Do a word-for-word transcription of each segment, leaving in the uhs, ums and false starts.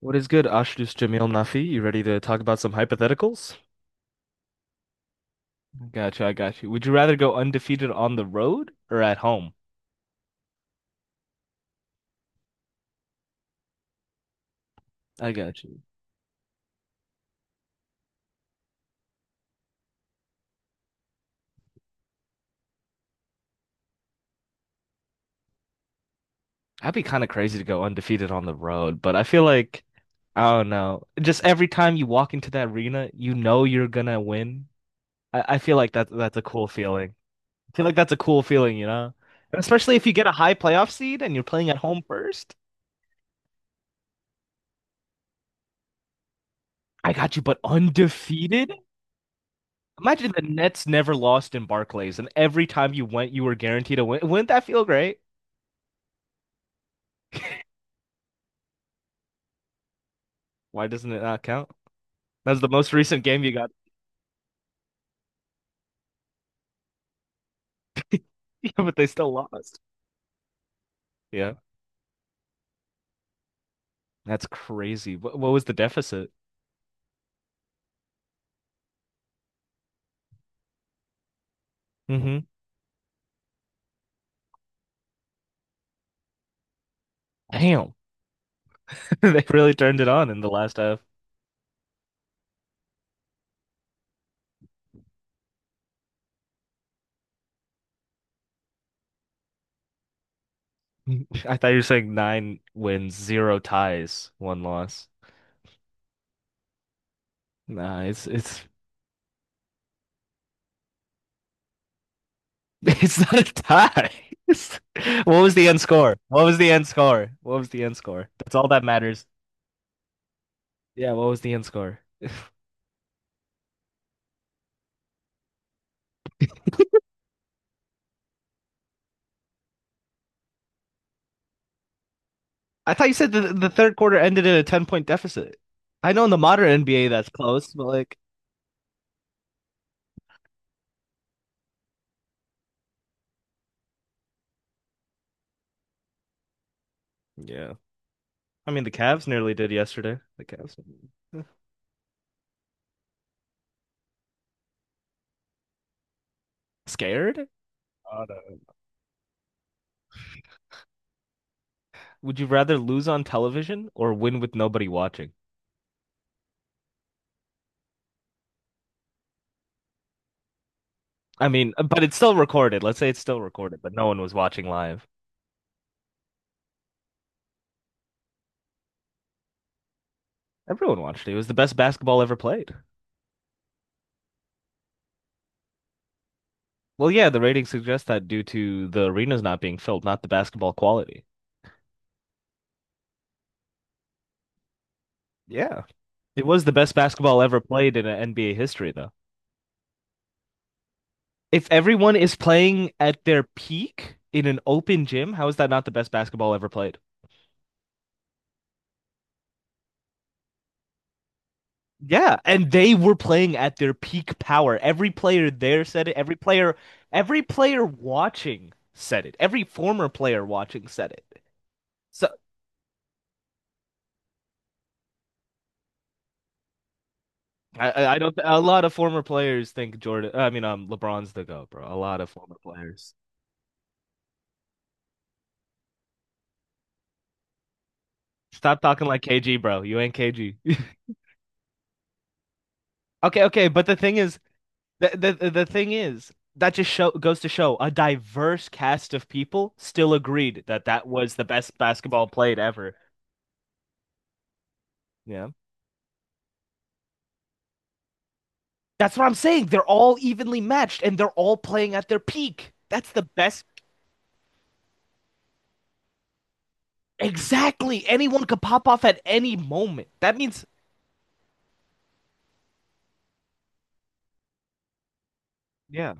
What is good, Ashdus Jamil Nafi? You ready to talk about some hypotheticals? Gotcha, I got you. Would you rather go undefeated on the road or at home? I got you. That'd be kind of crazy to go undefeated on the road, but I feel like I don't know. Just every time you walk into that arena, you know you're gonna win. I, I feel like that that's a cool feeling. I feel like that's a cool feeling, you know? And especially if you get a high playoff seed and you're playing at home first. I got you, but undefeated? Imagine the Nets never lost in Barclays, and every time you went, you were guaranteed a win. Wouldn't that feel great? Why doesn't it not count? That's the most recent game you got. Yeah, but they still lost. Yeah, that's crazy. What, what was the deficit? Hmm. Damn. They really turned it on in the last half. I thought you were saying nine wins, zero ties, one loss. Nah, it's it's It's not a tie. What was the end score? What was the end score? What was the end score? That's all that matters. Yeah, what was the end score? I thought you said the the third quarter ended in a ten point deficit. I know in the modern N B A that's close, but like, yeah. I mean, the Cavs nearly did yesterday. The Cavs. Scared? I don't- Would you rather lose on television or win with nobody watching? I mean, but it's still recorded. Let's say it's still recorded, but no one was watching live. Everyone watched it. It was the best basketball ever played. Well, yeah, the ratings suggest that due to the arenas not being filled, not the basketball quality. Yeah. It was the best basketball ever played in uh, N B A history, though. If everyone is playing at their peak in an open gym, how is that not the best basketball ever played? Yeah, and they were playing at their peak power. Every player there said it. Every player, every player watching said it. Every former player watching said it. So I, I I don't. A lot of former players think Jordan. I mean, um, LeBron's the GOAT, bro. A lot of former players. Stop talking like K G, bro. You ain't K G. Okay, okay, but the thing is, The, the the thing is, that just show goes to show a diverse cast of people still agreed that that was the best basketball played ever. Yeah. That's what I'm saying. They're all evenly matched and they're all playing at their peak. That's the best. Exactly. Anyone could pop off at any moment. That means, yeah,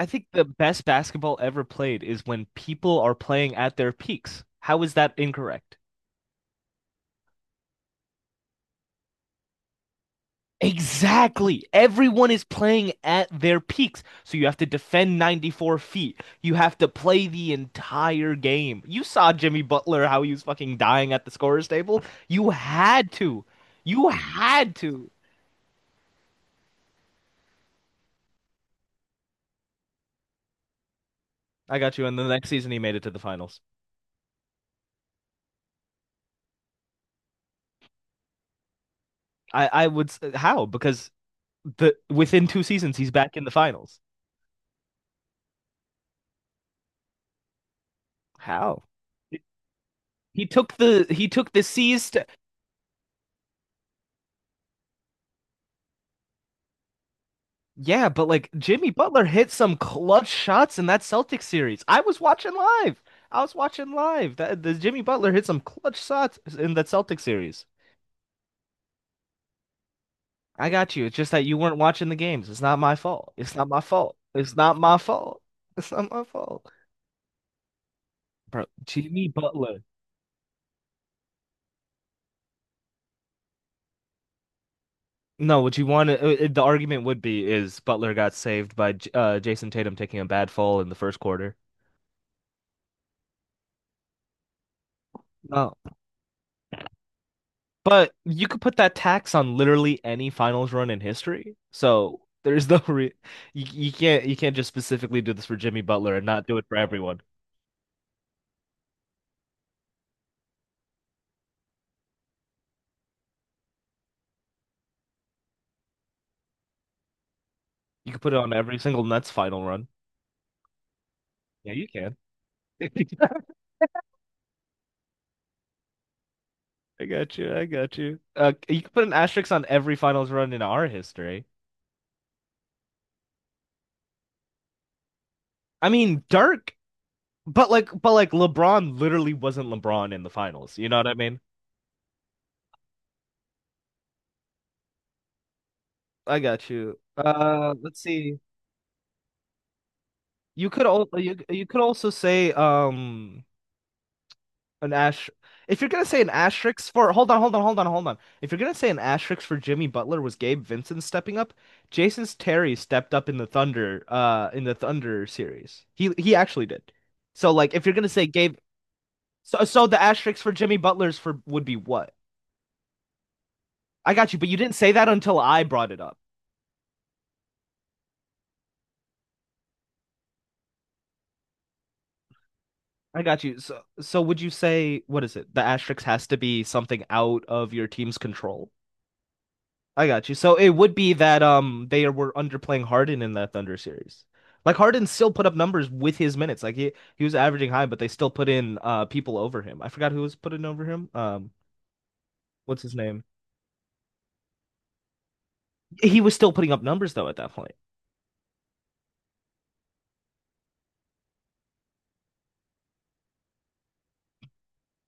I think the best basketball ever played is when people are playing at their peaks. How is that incorrect? Exactly. Everyone is playing at their peaks. So you have to defend ninety-four feet. You have to play the entire game. You saw Jimmy Butler, how he was fucking dying at the scorer's table. You had to. You had to. I got you. And the next season, he made it to the finals. I, I would, s- how? Because the within two seasons, he's back in the finals. How? He took the he took the C's. Yeah, but like Jimmy Butler hit some clutch shots in that Celtics series. I was watching live. I was watching live. That the Jimmy Butler hit some clutch shots in that Celtics series. I got you. It's just that you weren't watching the games. It's not my fault. It's not my fault. It's not my fault. It's not my fault. Bro, Jimmy Butler. No, what you want to, the argument would be is Butler got saved by J- uh, Jason Tatum taking a bad fall in the first quarter. No. But you could put that tax on literally any finals run in history. So there's no re you, you can't you can't just specifically do this for Jimmy Butler and not do it for everyone. You could put it on every single Nets final run. Yeah, you can. I got you. I got you. Uh, you could put an asterisk on every finals run in our history. I mean, Dirk, but like, but like LeBron literally wasn't LeBron in the finals. You know what I mean? I got you. Uh, let's see. You could all you you could also say um an ash. If you're gonna say an asterisk for, hold on, hold on, hold on, hold on. If you're gonna say an asterisk for Jimmy Butler was Gabe Vincent stepping up, Jason Terry stepped up in the Thunder, uh, in the Thunder series. He he actually did. So like, if you're gonna say Gabe, so so the asterisk for Jimmy Butler's for would be what? I got you, but you didn't say that until I brought it up. I got you. So so would you say what is it? The asterisk has to be something out of your team's control? I got you. So it would be that um they were underplaying Harden in that Thunder series. Like Harden still put up numbers with his minutes. Like he he was averaging high, but they still put in uh people over him. I forgot who was putting over him. Um, what's his name? He was still putting up numbers though at that point.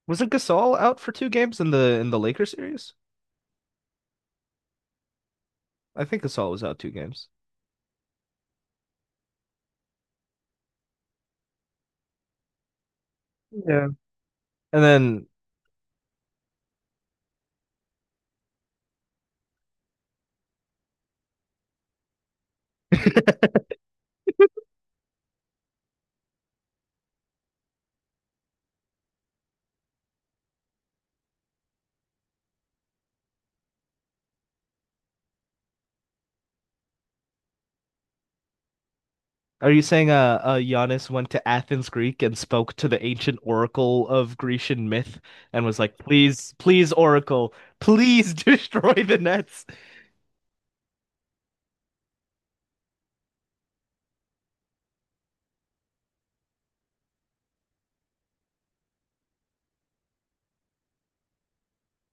Wasn't Gasol out for two games in the in the Lakers series? I think Gasol was out two games. Yeah. And then are you saying uh, uh Giannis went to Athens, Greek, and spoke to the ancient oracle of Grecian myth and was like, "Please, please, oracle, please destroy the Nets."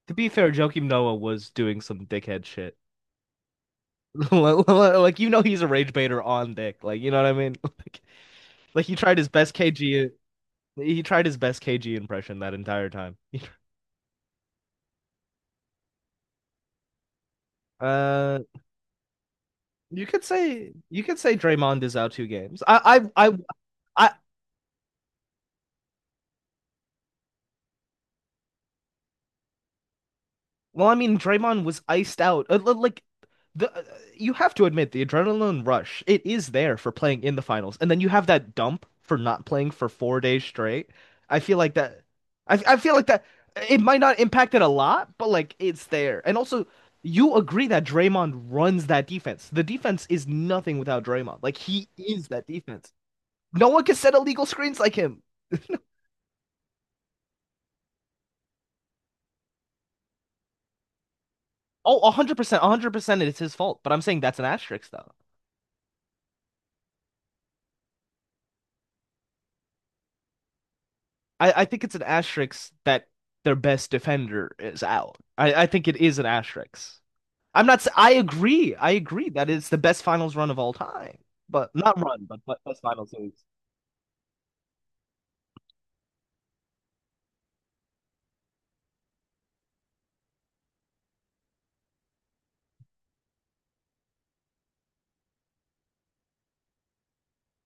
To be fair, Joakim Noah was doing some dickhead shit. Like like, you know, he's a rage baiter on dick. Like you know what I mean? Like, like he tried his best K G. He tried his best K G impression that entire time. Uh, you could say you could say Draymond is out two games. I I I I well, I mean, Draymond was iced out. Uh, li- Like the uh, you have to admit the adrenaline rush. It is there for playing in the finals. And then you have that dump for not playing for four days straight. I feel like that I I feel like that uh, it might not impact it a lot, but like it's there. And also you agree that Draymond runs that defense. The defense is nothing without Draymond. Like he is that defense. No one can set illegal screens like him. Oh, one hundred percent, one hundred percent it's his fault. But I'm saying that's an asterisk though. I, I think it's an asterisk that their best defender is out. I, I think it is an asterisk. I'm not. S- I agree. I agree that it's the best finals run of all time, but not run, but, but best finals series.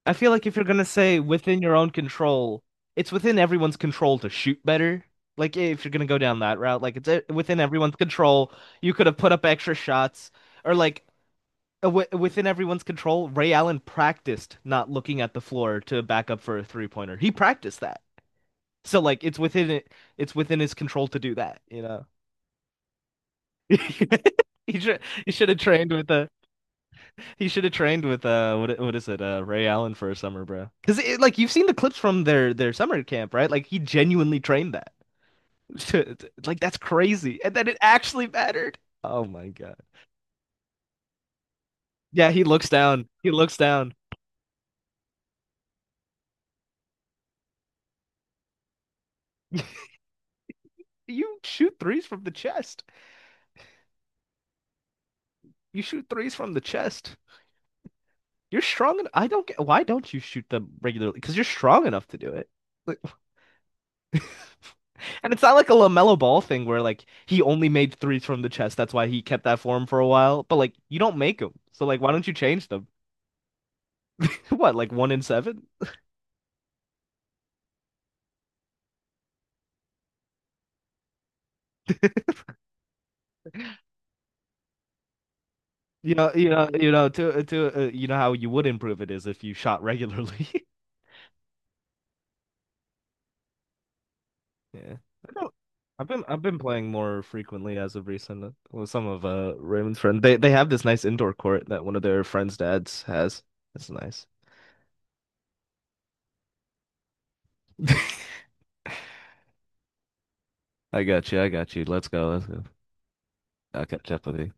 I feel like if you're gonna say within your own control, it's within everyone's control to shoot better. Like if you're gonna go down that route, like it's uh, within everyone's control. You could have put up extra shots, or like uh, wi- within everyone's control. Ray Allen practiced not looking at the floor to back up for a three pointer. He practiced that. So like it's within it, it's within his control to do that, you know. He should he should have trained with uh he should have trained with uh what what is it uh Ray Allen for a summer, bro. Because it, like you've seen the clips from their their summer camp, right? Like he genuinely trained that. To- to- Like that's crazy, and then it actually mattered. Oh my God. Yeah, he looks down. He looks down. You shoot threes from the chest. You shoot threes from the chest. You're strong enough. I don't get why don't you shoot them regularly? Because you're strong enough to do it. Like- And it's not like a LaMelo Ball thing where like he only made threes from the chest. That's why he kept that form for a while. But like you don't make them. So like why don't you change them? What, like one in seven? You know, you know, you know, to to uh, You know how you would improve it is if you shot regularly. Yeah. I don't, I've been I've been playing more frequently as of recent uh, with some of uh Raymond's friends. They they have this nice indoor court that one of their friends' dads has. That's nice. I got you. I got you. Let's go. Let's go. I'll catch up with you.